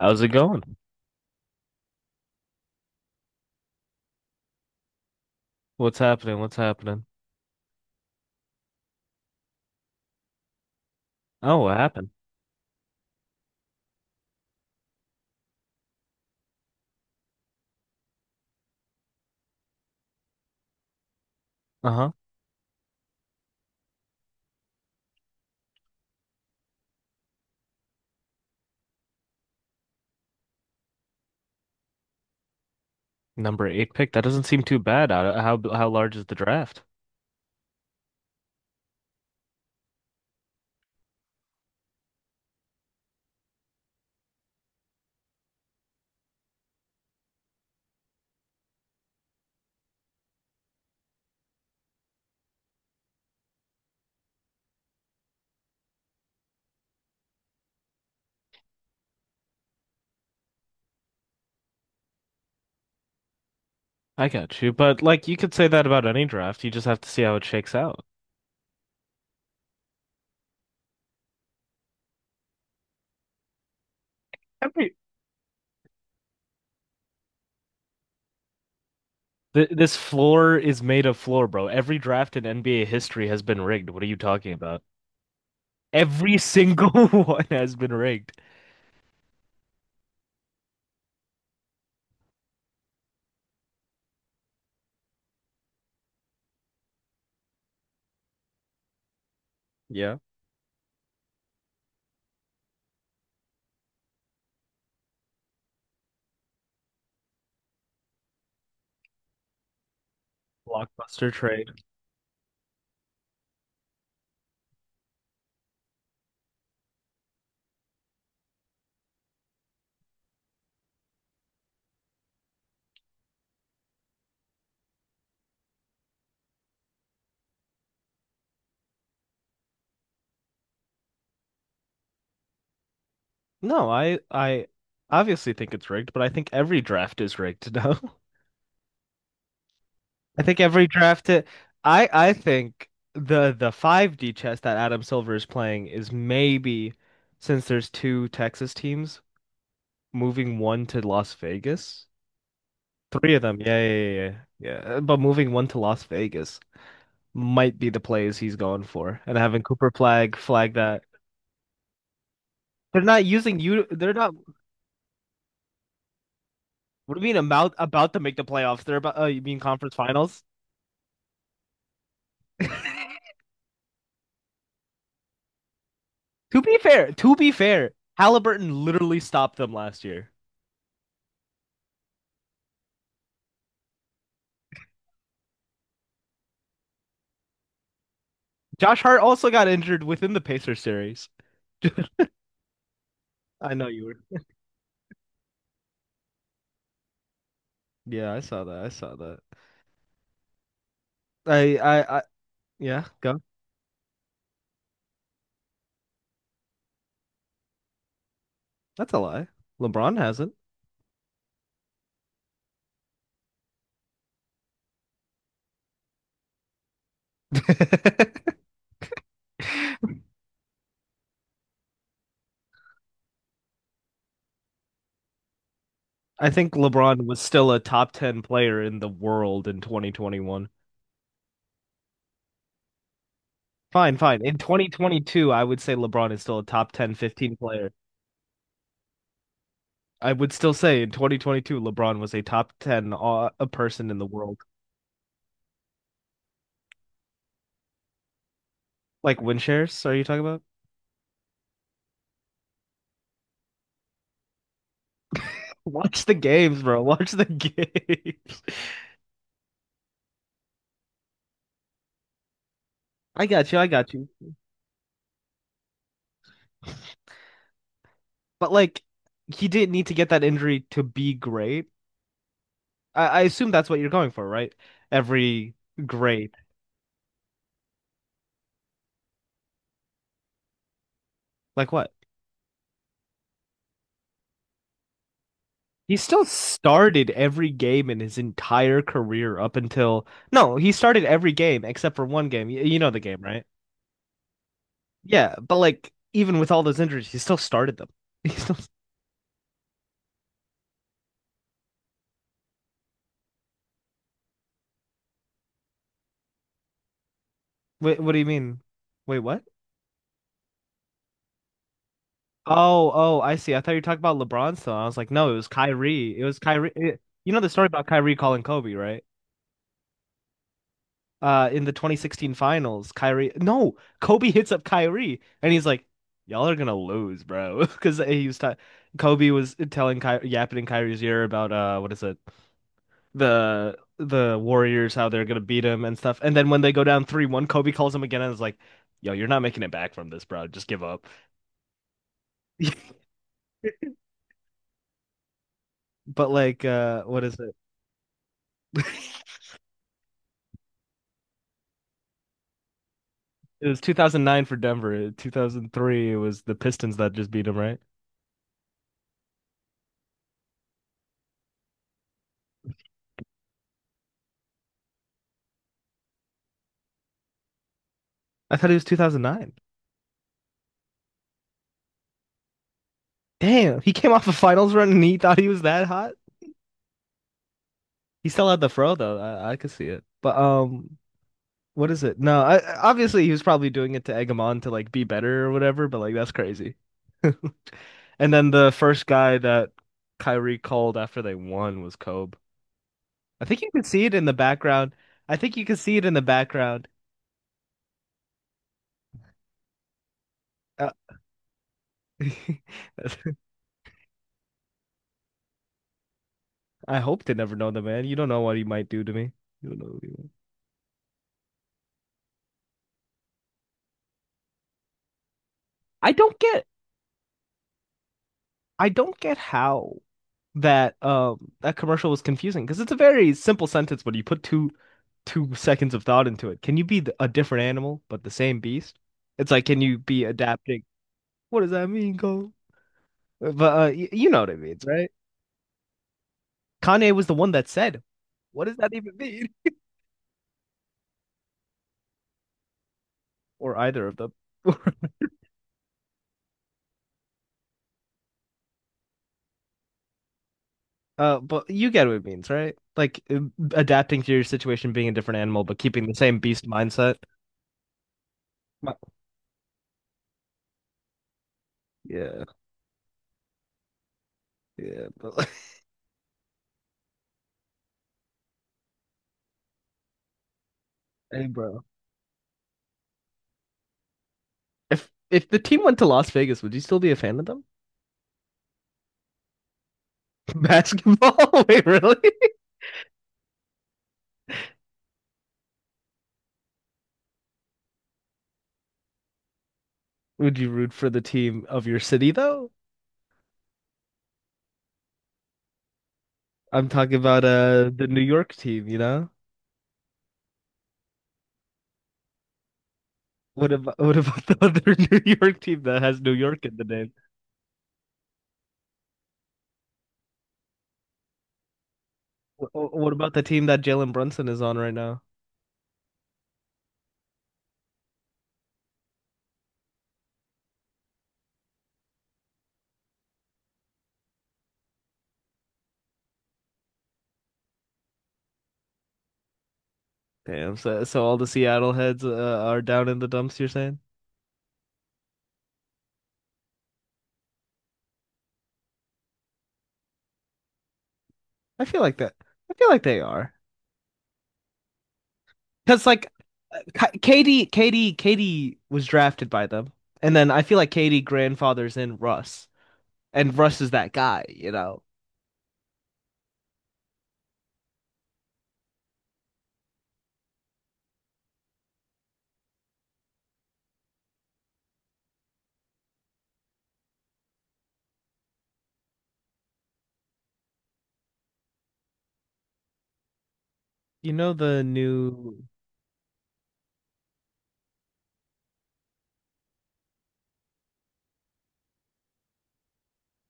How's it going? What's happening? What's happening? Oh, what happened? Uh-huh. Number eight pick. That doesn't seem too bad. How large is the draft? I got you. But like you could say that about any draft. You just have to see how it shakes out. Every Th this floor is made of floor, bro. Every draft in NBA history has been rigged. What are you talking about? Every single one has been rigged. Yeah. Blockbuster trade. No, I obviously think it's rigged, but I think every draft is rigged now. I think every draft it, I think the 5D chess that Adam Silver is playing is maybe, since there's two Texas teams moving one to Las Vegas. Three of them. Yeah, yeah, yeah, yeah. Yeah. But moving one to Las Vegas might be the plays he's going for and having Cooper flag that. They're not using you. They're not. What do you mean about to make the playoffs? They're about, you mean conference finals? To be fair, Halliburton literally stopped them last year. Josh Hart also got injured within the Pacers series. I know you were. Yeah, I saw that. I saw that. I Yeah, go. That's a lie. LeBron hasn't. I think LeBron was still a top 10 player in the world in 2021. Fine, fine. In 2022, I would say LeBron is still a top 10, 15 player. I would still say in 2022, LeBron was a top 10, a person in the world. Like win shares, are you talking about? Watch the games, bro. Watch the games. I got you. I got you. But like he didn't need to get that injury to be great. I assume that's what you're going for, right? Every great. Like what? He still started every game in his entire career up until, no, he started every game except for one game. You know the game, right? Yeah, but like even with all those injuries, he still started them. He still. Wait, what do you mean? Wait, what? Oh, oh, I see. I thought you were talking about LeBron still. I was like, no, it was Kyrie. It was Kyrie. You know the story about Kyrie calling Kobe, right? In the 2016 finals, Kyrie no, Kobe hits up Kyrie and he's like, y'all are gonna lose, bro. Because he was t Kobe was telling Kyrie, yapping in Kyrie's ear about, what is it? The Warriors, how they're gonna beat him and stuff. And then when they go down 3-1, Kobe calls him again and is like, yo, you're not making it back from this, bro. Just give up. But like, what is it? It was 2009 for Denver. 2003, it was the Pistons that just beat him, right? I thought it was 2009. Damn, he came off a finals run and he thought he was that hot. He still had the fro though. I could see it. But what is it? No, I, obviously he was probably doing it to egg him on to like be better or whatever. But like that's crazy. And then the first guy that Kyrie called after they won was Kobe. I think you can see it in the background. I think you can see it in the background. Uh, I hope they never know the man. You don't know what he might do to me. You don't know. What he might- I don't get. I don't get how that commercial was confusing because it's a very simple sentence, but you put two seconds of thought into it. Can you be a different animal but the same beast? It's like, can you be adapting? What does that mean, Cole? But y you know what it means, right? Kanye was the one that said, "What does that even mean?" Or either of them. But you get what it means, right? Like, adapting to your situation, being a different animal, but keeping the same beast mindset. My- Yeah, yeah. But, hey, bro. If the team went to Las Vegas, would you still be a fan of them? Basketball? Wait, really? Would you root for the team of your city though? I'm talking about the New York team, you know? What about the other New York team that has New York in the name? What about the team that Jalen Brunson is on right now? Damn, so all the Seattle heads, are down in the dumps, you're saying? I feel like that. I feel like they are. Because like, uh, Katie was drafted by them. And then I feel like Katie grandfathers in Russ. And Russ is that guy. You know the new.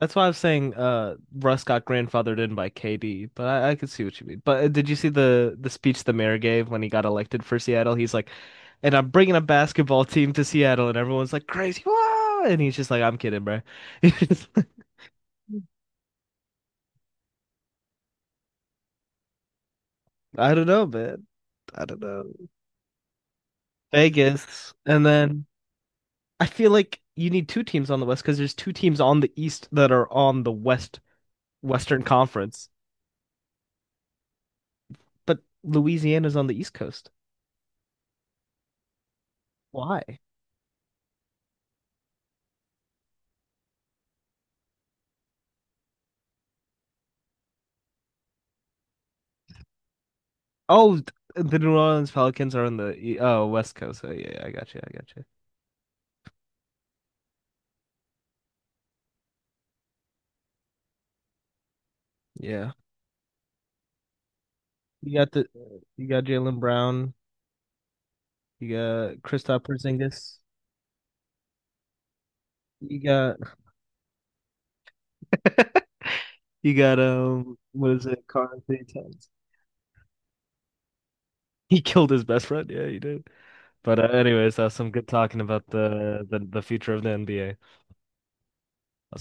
That's why I was saying, Russ got grandfathered in by KD, but I could see what you mean. But did you see the speech the mayor gave when he got elected for Seattle? He's like, and I'm bringing a basketball team to Seattle, and everyone's like, crazy, wow! And he's just like, I'm kidding, bro. I don't know, man. I don't know. Vegas, and then I feel like you need two teams on the West because there's two teams on the East that are on the Western Conference. But Louisiana's on the East Coast. Why? Oh, the New Orleans Pelicans are on the West Coast. Oh, yeah, yeah, I got you. I got you. Yeah, you got the you got Jalen Brown. You got Kristaps Porzingis. You got you got what is it? Carl Anthony Towns. He killed his best friend. Yeah, he did. But anyways, some good talking about the future of the NBA. I'll